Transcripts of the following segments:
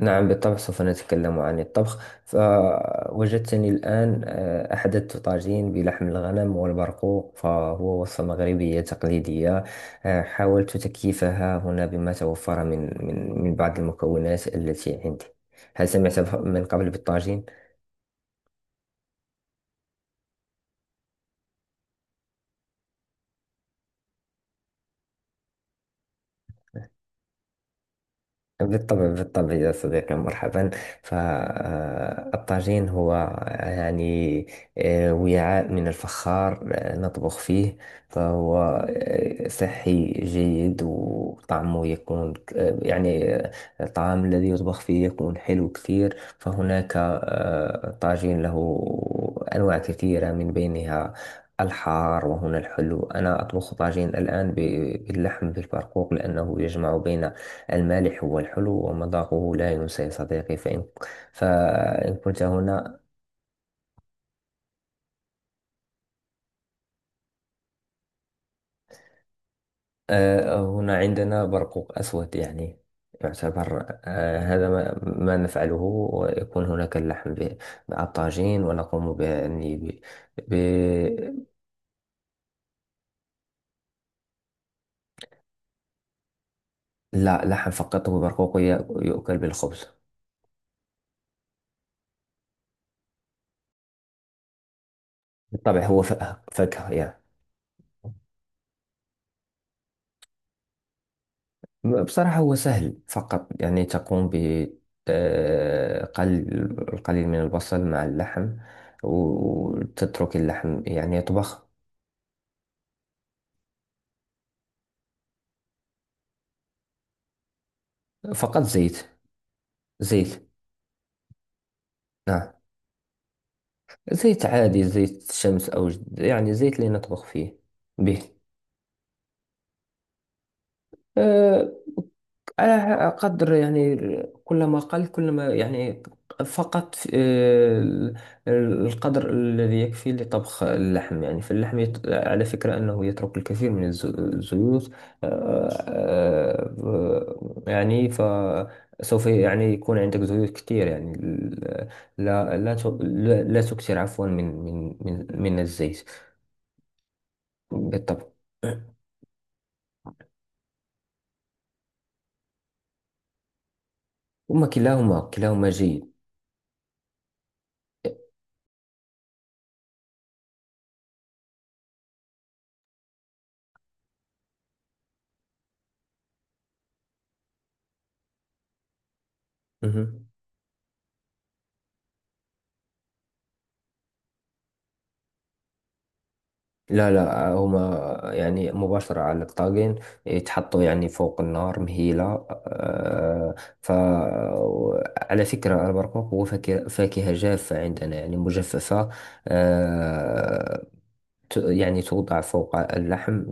نعم، بالطبع سوف نتكلم عن الطبخ. فوجدتني الآن أحدثت طاجين بلحم الغنم والبرقوق، فهو وصفة مغربية تقليدية. حاولت تكييفها هنا بما توفر من بعض المكونات التي عندي. هل سمعت من قبل بالطاجين؟ بالطبع بالطبع يا صديقي، مرحبا. فالطاجين هو يعني وعاء من الفخار نطبخ فيه. فهو صحي جيد، وطعمه يكون يعني الطعام الذي يطبخ فيه يكون حلو كثير. فهناك طاجين له أنواع كثيرة، من بينها الحار وهنا الحلو. أنا أطبخ طاجين الآن باللحم بالبرقوق، لأنه يجمع بين المالح هو الحلو، ومذاقه لا ينسى يا صديقي. فإن كنت هنا. هنا عندنا برقوق أسود، يعني يعتبر هذا ما نفعله. ويكون هناك اللحم مع الطاجين، ونقوم ب يعني ب... لا، لحم فقط وبرقوق. يؤكل بالخبز. بالطبع، هو فاكهة يعني. بصراحة هو سهل، فقط يعني تقوم ب آه، قل- القليل من البصل مع اللحم، وتترك اللحم يعني يطبخ. فقط زيت. زيت. نعم، زيت عادي، زيت شمس، يعني زيت اللي نطبخ فيه به. آه، أنا أقدر يعني كلما قل كلما يعني فقط القدر الذي يكفي لطبخ اللحم. يعني فاللحم على فكرة أنه يترك الكثير من الزيوت. آه، يعني فسوف يعني يكون عندك زيوت كثير يعني لا لا لا تكثر عفوا من الزيت. بالطبع. هما كلاهما، جيد. مهم. لا لا، هما يعني مباشرة على الطاجين يتحطوا، يعني فوق النار مهيلة. آه، ف على فكرة البرقوق هو فاكهة، جافة عندنا، يعني مجففة. آه، يعني توضع فوق اللحم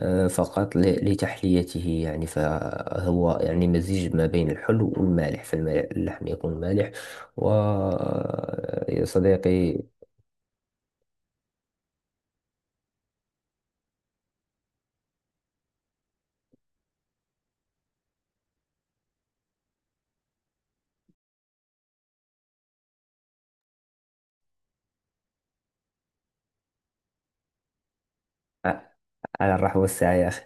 فقط لتحليته، يعني فهو يعني مزيج ما بين الحلو والمالح، فاللحم يكون مالح. ويا صديقي ع- على الرحب والسعة يا أخي.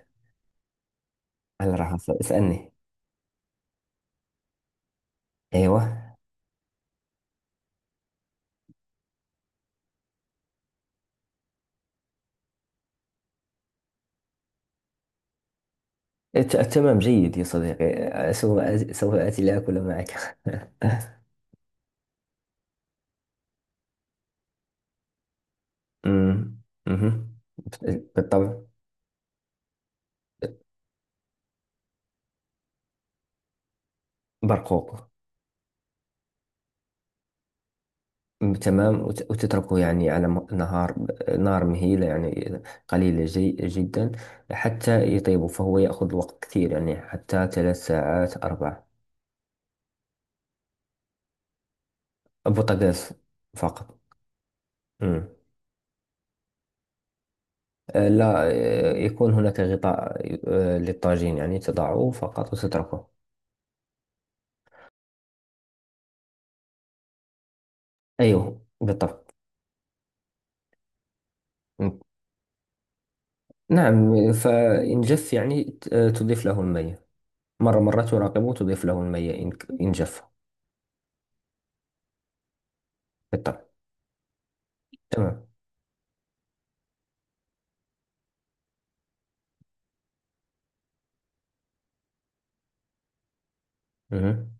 على الرحب، اسألني. أيوة. تمام جيد يا صديقي، سوف آتي لآكل معك. أمم، مهم. بالطبع، برقوق. أمم، تمام. وتتركه يعني على م- نهار نار مهيلة، يعني قليلة جي جدا، حتى يطيب. فهو يأخذ وقت كثير، يعني حتى ثلاث ساعات أربع. بوتاغاز فقط. أمم. لا، يكون هناك غطاء للطاجين، يعني تضعه فقط وتتركه. أيوه بالطبع. نعم، فإن جف يعني تضيف له المية، مرة مرة تراقبه تضيف له المية إن جف. بالطبع. تمام. مهم.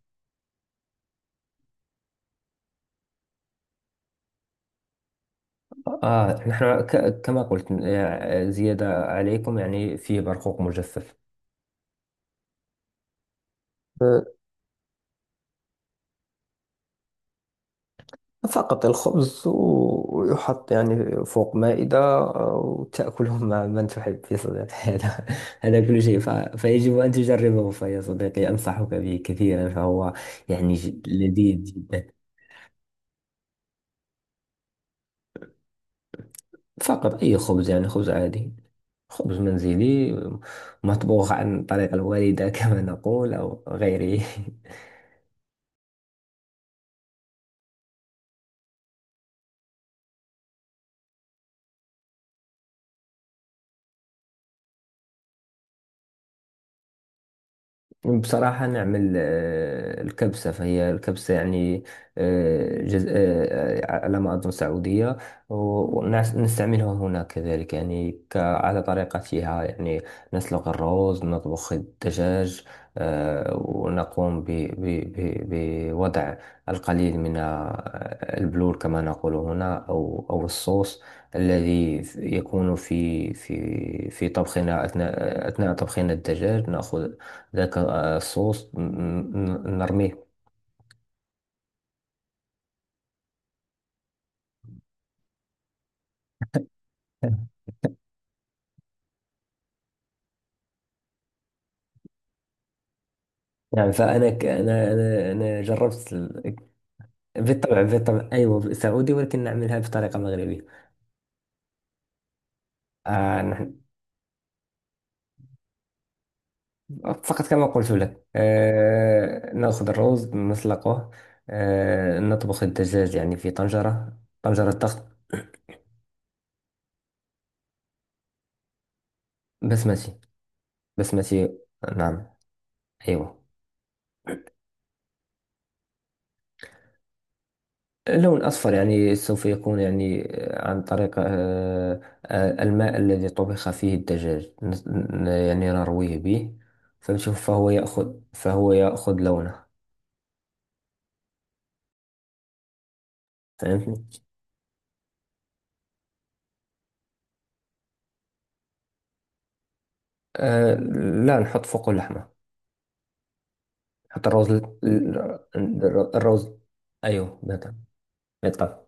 آه، نحن كما قلت زيادة عليكم، يعني فيه برقوق مجفف. آه، فقط الخبز، ويحط يعني فوق مائدة وتأكله مع من تحب يا صديقي. هذا كل شيء. فيجب أن تجربه، فيا صديقي أنصحك به كثيرا، فهو يعني لذيذ جدا. فقط أي خبز، يعني خبز عادي، خبز منزلي مطبوخ عن طريق الوالدة كما نقول أو غيره. بصراحة نعمل الكبسة، فهي الكبسة يعني آه، جز... آه، آه، على ما أظن سعودية، ونستعملها هنا كذلك، يعني ك... على طريقتها يعني. نسلق الرز، نطبخ الدجاج ونقوم بوضع القليل من البلور كما نقول هنا، أو أو الصوص الذي يكون في طبخنا، أثناء طبخنا الدجاج نأخذ ذاك الصوص نرميه. نعم، فأنا أنا جربت بالطبع بالطبع، أيوة سعودي، ولكن نعملها بطريقة مغربية. آه، نحن فقط كما قلت لك، آه، نأخذ الروز نسلقه، آه، نطبخ الدجاج يعني في طنجرة، ضغط. بسمتي. بسمتي. نعم. أيوة. اللون الأصفر يعني سوف يكون يعني عن طريق الماء الذي طبخ فيه الدجاج يعني نرويه به. فنشوف، فهو يأخذ لونه. فهمتني؟ آه، لا، نحط فوق اللحمة نحط الروز. الروز. أيوه بالطبع. بالطبع.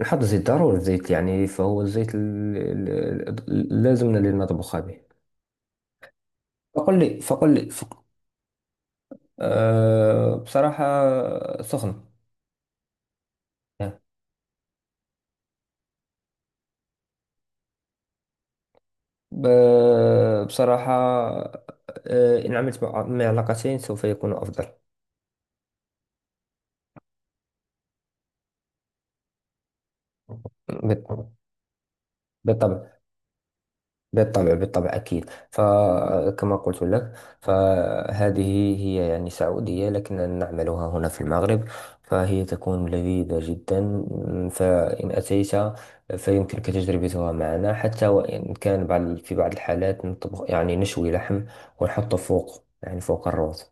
نحط زيت ضروري، الزيت يعني فهو الزيت اللازم للمطبخ به. فقل لي فقل لي فق... آه، بصراحة سخن. بصراحة إن عملت مع علاقتين سوف يكون أفضل. بالطبع. بالطبع بالطبع أكيد، فكما قلت لك، فهذه هي يعني سعودية، لكننا نعملها هنا في المغرب، فهي تكون لذيذة جدا. فإن أتيت فيمكنك تجربتها معنا. حتى وإن كان بعض في بعض الحالات نطبخ يعني نشوي لحم ونحطه فوق يعني فوق الرز.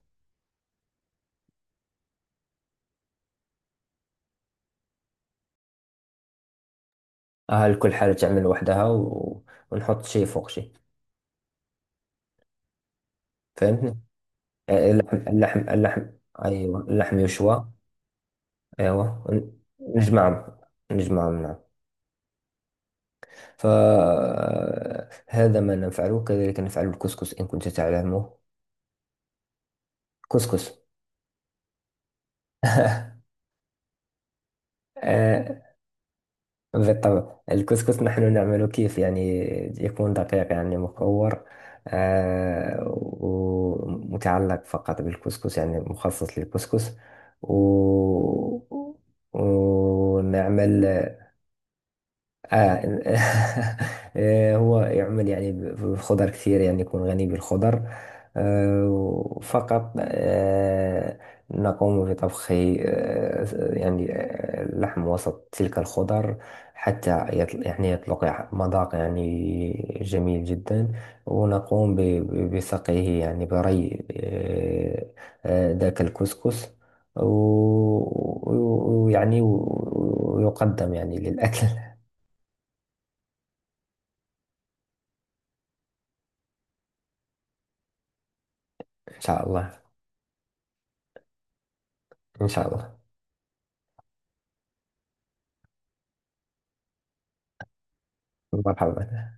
اه، الكل حاجة تعمل لوحدها و... ونحط شي فوق شي. فهمتني؟ اللحم. ايوه، اللحم يشوى. ايوه. نجمعهم نجمعهم، نعم. فهذا ما نفعله، كذلك نفعل الكسكس ان كنت تعلمه. كسكس. بالطبع، الكسكس نحن نعمله كيف يعني يكون دقيق يعني مكور، آه، ومتعلق فقط بالكسكس يعني مخصص للكسكس. و... ونعمل آه. هو يعمل يعني بالخضر كثير، يعني يكون غني بالخضر. آه، فقط آه، نقوم بطبخ آه، يعني اللحم وسط تلك الخضر، حتى يطل يعني يطلق مذاق يعني جميل جدا. ونقوم بسقيه يعني بري ذاك الكسكس، و- و- ويعني و- ويقدم يعني للأكل. إن شاء الله. إن شاء الله، مرحبا.